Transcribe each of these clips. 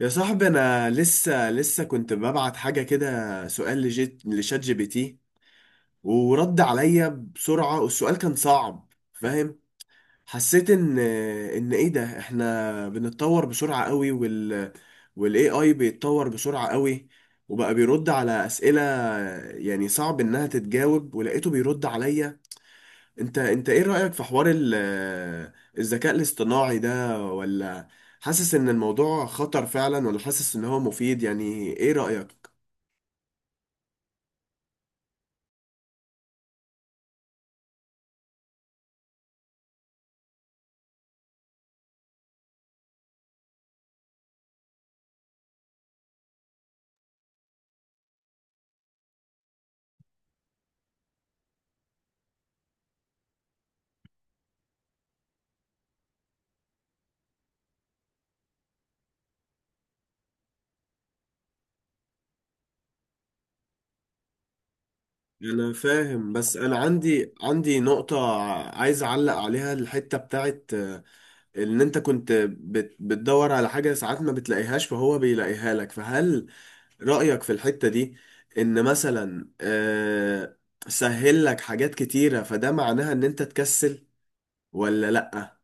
يا صاحبي انا لسه كنت ببعت حاجه كده سؤال لجيت لشات جي بي تي ورد عليا بسرعه، والسؤال كان صعب. فاهم؟ حسيت ان ايه ده، احنا بنتطور بسرعه قوي والاي اي بيتطور بسرعه قوي وبقى بيرد على اسئله يعني صعب انها تتجاوب، ولقيته بيرد عليا. انت ايه رأيك في حوار الذكاء الاصطناعي ده؟ ولا حاسس ان الموضوع خطر فعلا، ولا حاسس ان هو مفيد؟ يعني ايه رأيك؟ انا فاهم، بس انا عندي نقطة عايز اعلق عليها، الحتة بتاعت ان انت كنت بتدور على حاجة ساعات ما بتلاقيهاش فهو بيلاقيها لك. فهل رأيك في الحتة دي ان مثلا سهل لك حاجات كتيرة، فده معناها ان انت تكسل ولا لأ؟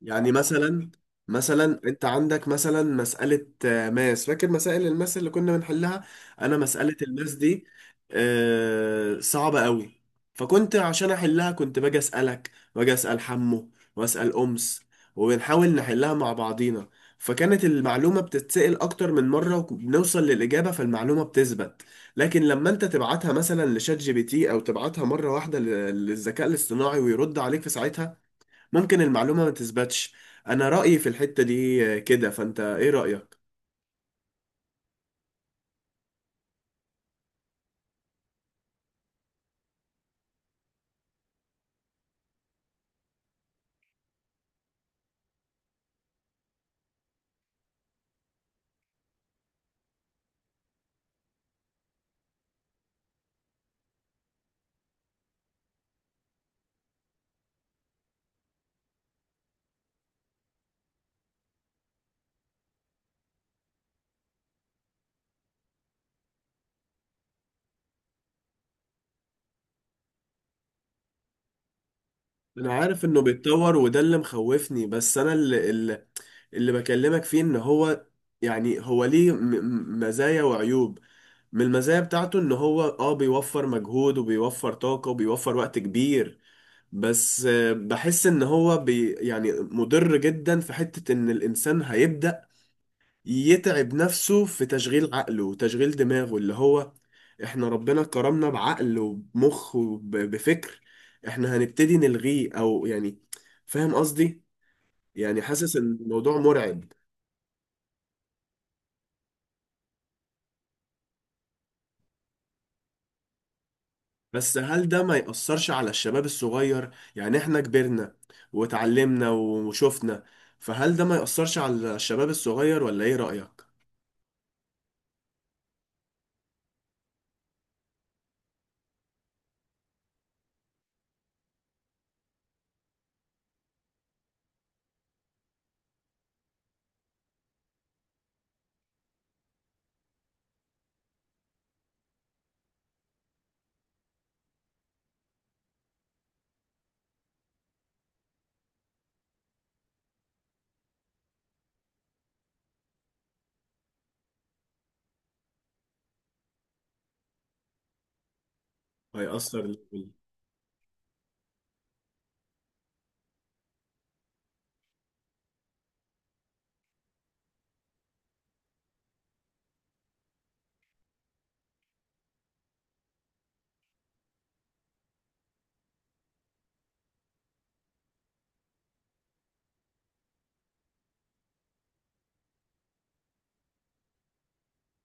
يعني مثلا، مثلا انت عندك مثلا مسألة ماس، فاكر مسائل الماس اللي كنا بنحلها؟ انا مسألة الماس دي صعبة قوي. فكنت عشان احلها كنت باجي اسألك واجي اسأل حمو واسأل امس وبنحاول نحلها مع بعضينا، فكانت المعلومة بتتسأل أكتر من مرة وبنوصل للإجابة فالمعلومة بتثبت. لكن لما أنت تبعتها مثلا لشات جي بي تي أو تبعتها مرة واحدة للذكاء الاصطناعي ويرد عليك في ساعتها، ممكن المعلومة ما تثبتش. انا رأيي في الحتة دي كده، فانت ايه رأيك؟ انا عارف انه بيتطور وده اللي مخوفني، بس انا اللي بكلمك فيه ان هو يعني هو ليه مزايا وعيوب. من المزايا بتاعته ان هو اه بيوفر مجهود وبيوفر طاقة وبيوفر وقت كبير. بس بحس ان هو يعني مضر جدا في حتة ان الانسان هيبدأ يتعب نفسه في تشغيل عقله وتشغيل دماغه، اللي هو احنا ربنا كرمنا بعقل وبمخ وبفكر، احنا هنبتدي نلغيه او يعني، فاهم قصدي؟ يعني حاسس ان الموضوع مرعب. بس هل ده ما يأثرش على الشباب الصغير؟ يعني احنا كبرنا واتعلمنا وشفنا، فهل ده ما يأثرش على الشباب الصغير، ولا ايه رأيك؟ هيأثر.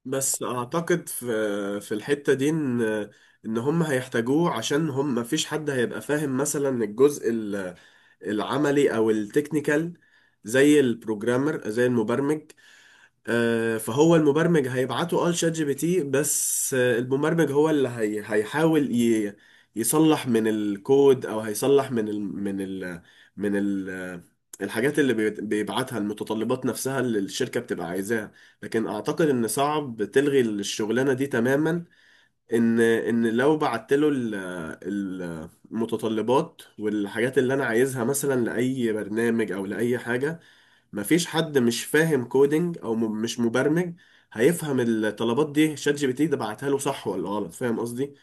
بس اعتقد في في الحتة دي ان هم هيحتاجوه، عشان هم مفيش حد هيبقى فاهم مثلا الجزء العملي او التكنيكال، زي البروجرامر زي المبرمج. فهو المبرمج هيبعته اه لشات جي بي تي، بس المبرمج هو اللي هيحاول يصلح من الكود، او هيصلح من ال الحاجات اللي بيبعتها، المتطلبات نفسها اللي الشركة بتبقى عايزاها. لكن اعتقد ان صعب تلغي الشغلانة دي تماما. ان لو بعت له المتطلبات والحاجات اللي انا عايزها مثلا لاي برنامج او لاي حاجة، مفيش حد مش فاهم كودينج او مش مبرمج هيفهم الطلبات دي شات جي بي تي ده بعتها له صح ولا غلط. فاهم قصدي؟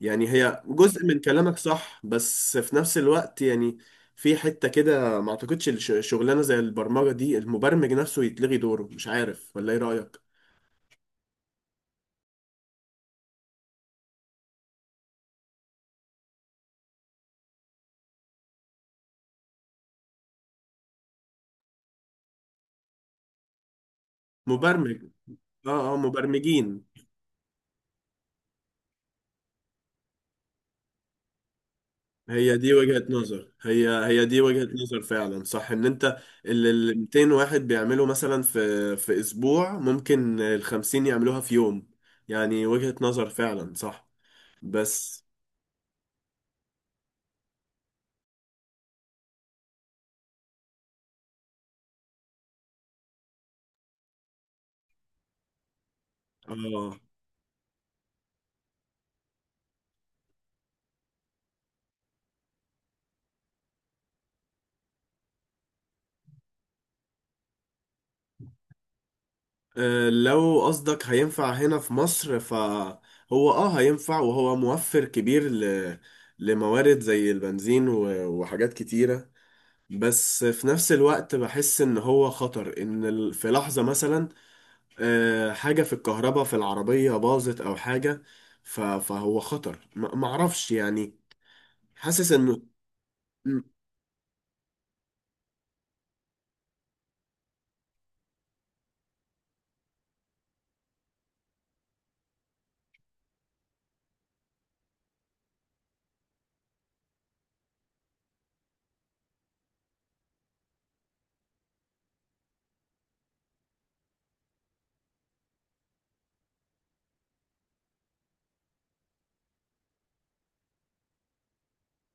يعني هي جزء من كلامك صح، بس في نفس الوقت يعني في حتة كده ما اعتقدش شغلانة زي البرمجة دي المبرمج نفسه يتلغي دوره. مش عارف، ولا ايه رأيك؟ مبرمج. اه اه، مبرمجين. هي دي وجهة نظر، هي دي وجهة نظر فعلا صح، ان انت اللي ال 200 واحد بيعملوا مثلا في في اسبوع ممكن ال 50 يعملوها في يوم. يعني وجهة نظر فعلا صح بس. اه، لو قصدك هينفع هنا في مصر، فهو اه هينفع، وهو موفر كبير لموارد زي البنزين وحاجات كتيرة. بس في نفس الوقت بحس ان هو خطر، ان في لحظة مثلا حاجة في الكهرباء في العربية باظت أو حاجة، فهو خطر، معرفش يعني. حاسس إنه م-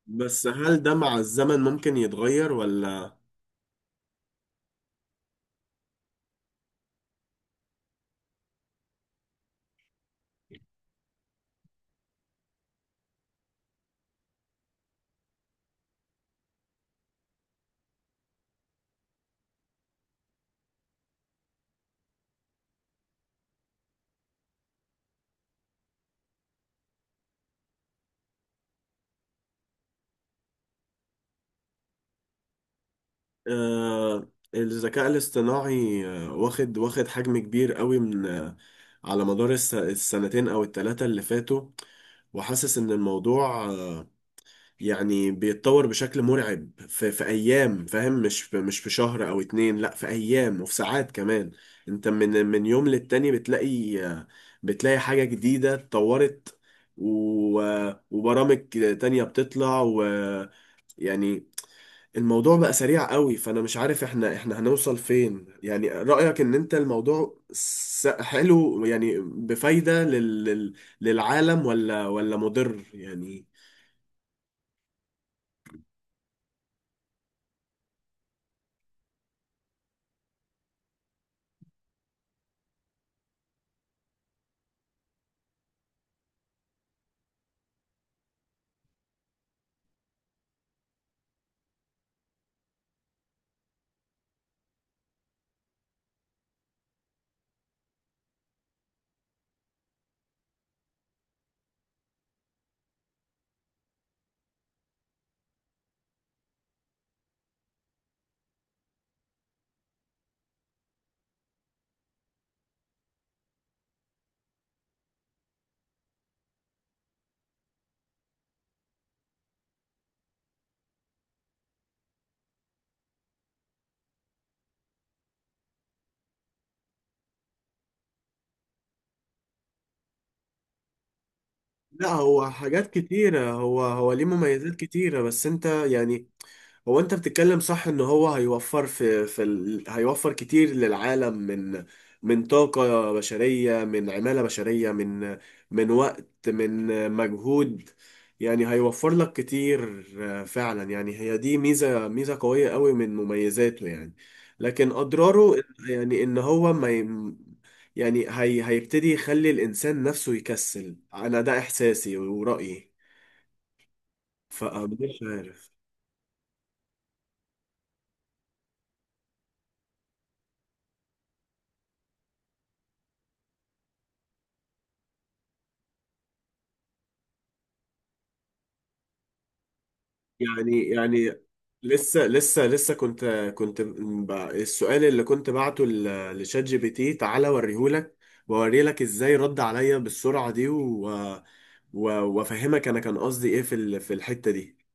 بس هل ده مع الزمن ممكن يتغير ولا؟ آه، الذكاء الاصطناعي واخد حجم كبير قوي من، على مدار السنتين أو التلاتة اللي فاتوا. وحاسس إن الموضوع يعني بيتطور بشكل مرعب في ايام، فاهم؟ مش في، مش في شهر او اتنين، لا في ايام وفي ساعات كمان. انت من يوم للتاني بتلاقي، بتلاقي حاجة جديدة اتطورت. و... وبرامج تانية بتطلع، ويعني الموضوع بقى سريع قوي، فانا مش عارف احنا، احنا هنوصل فين يعني. رأيك ان انت الموضوع حلو يعني بفايدة للعالم، ولا، ولا مضر يعني؟ لا هو حاجات كتيرة، هو ليه مميزات كتيرة بس انت يعني، هو انت بتتكلم صح ان هو هيوفر في هيوفر كتير للعالم من من طاقة بشرية، من عمالة بشرية، من من وقت، من مجهود. يعني هيوفر لك كتير فعلا. يعني هي دي ميزة، ميزة قوية قوي من مميزاته يعني. لكن اضراره يعني ان هو ما ي... يعني هيبتدي يخلي الانسان نفسه يكسل. انا ده احساسي ورأيي، فمش عارف. يعني لسه كنت، كنت السؤال اللي كنت بعته لشات جي بي تي، تعالى اوريهولك واوريلك ازاي رد عليا بالسرعة دي، و وافهمك انا كان قصدي ايه في في الحتة دي.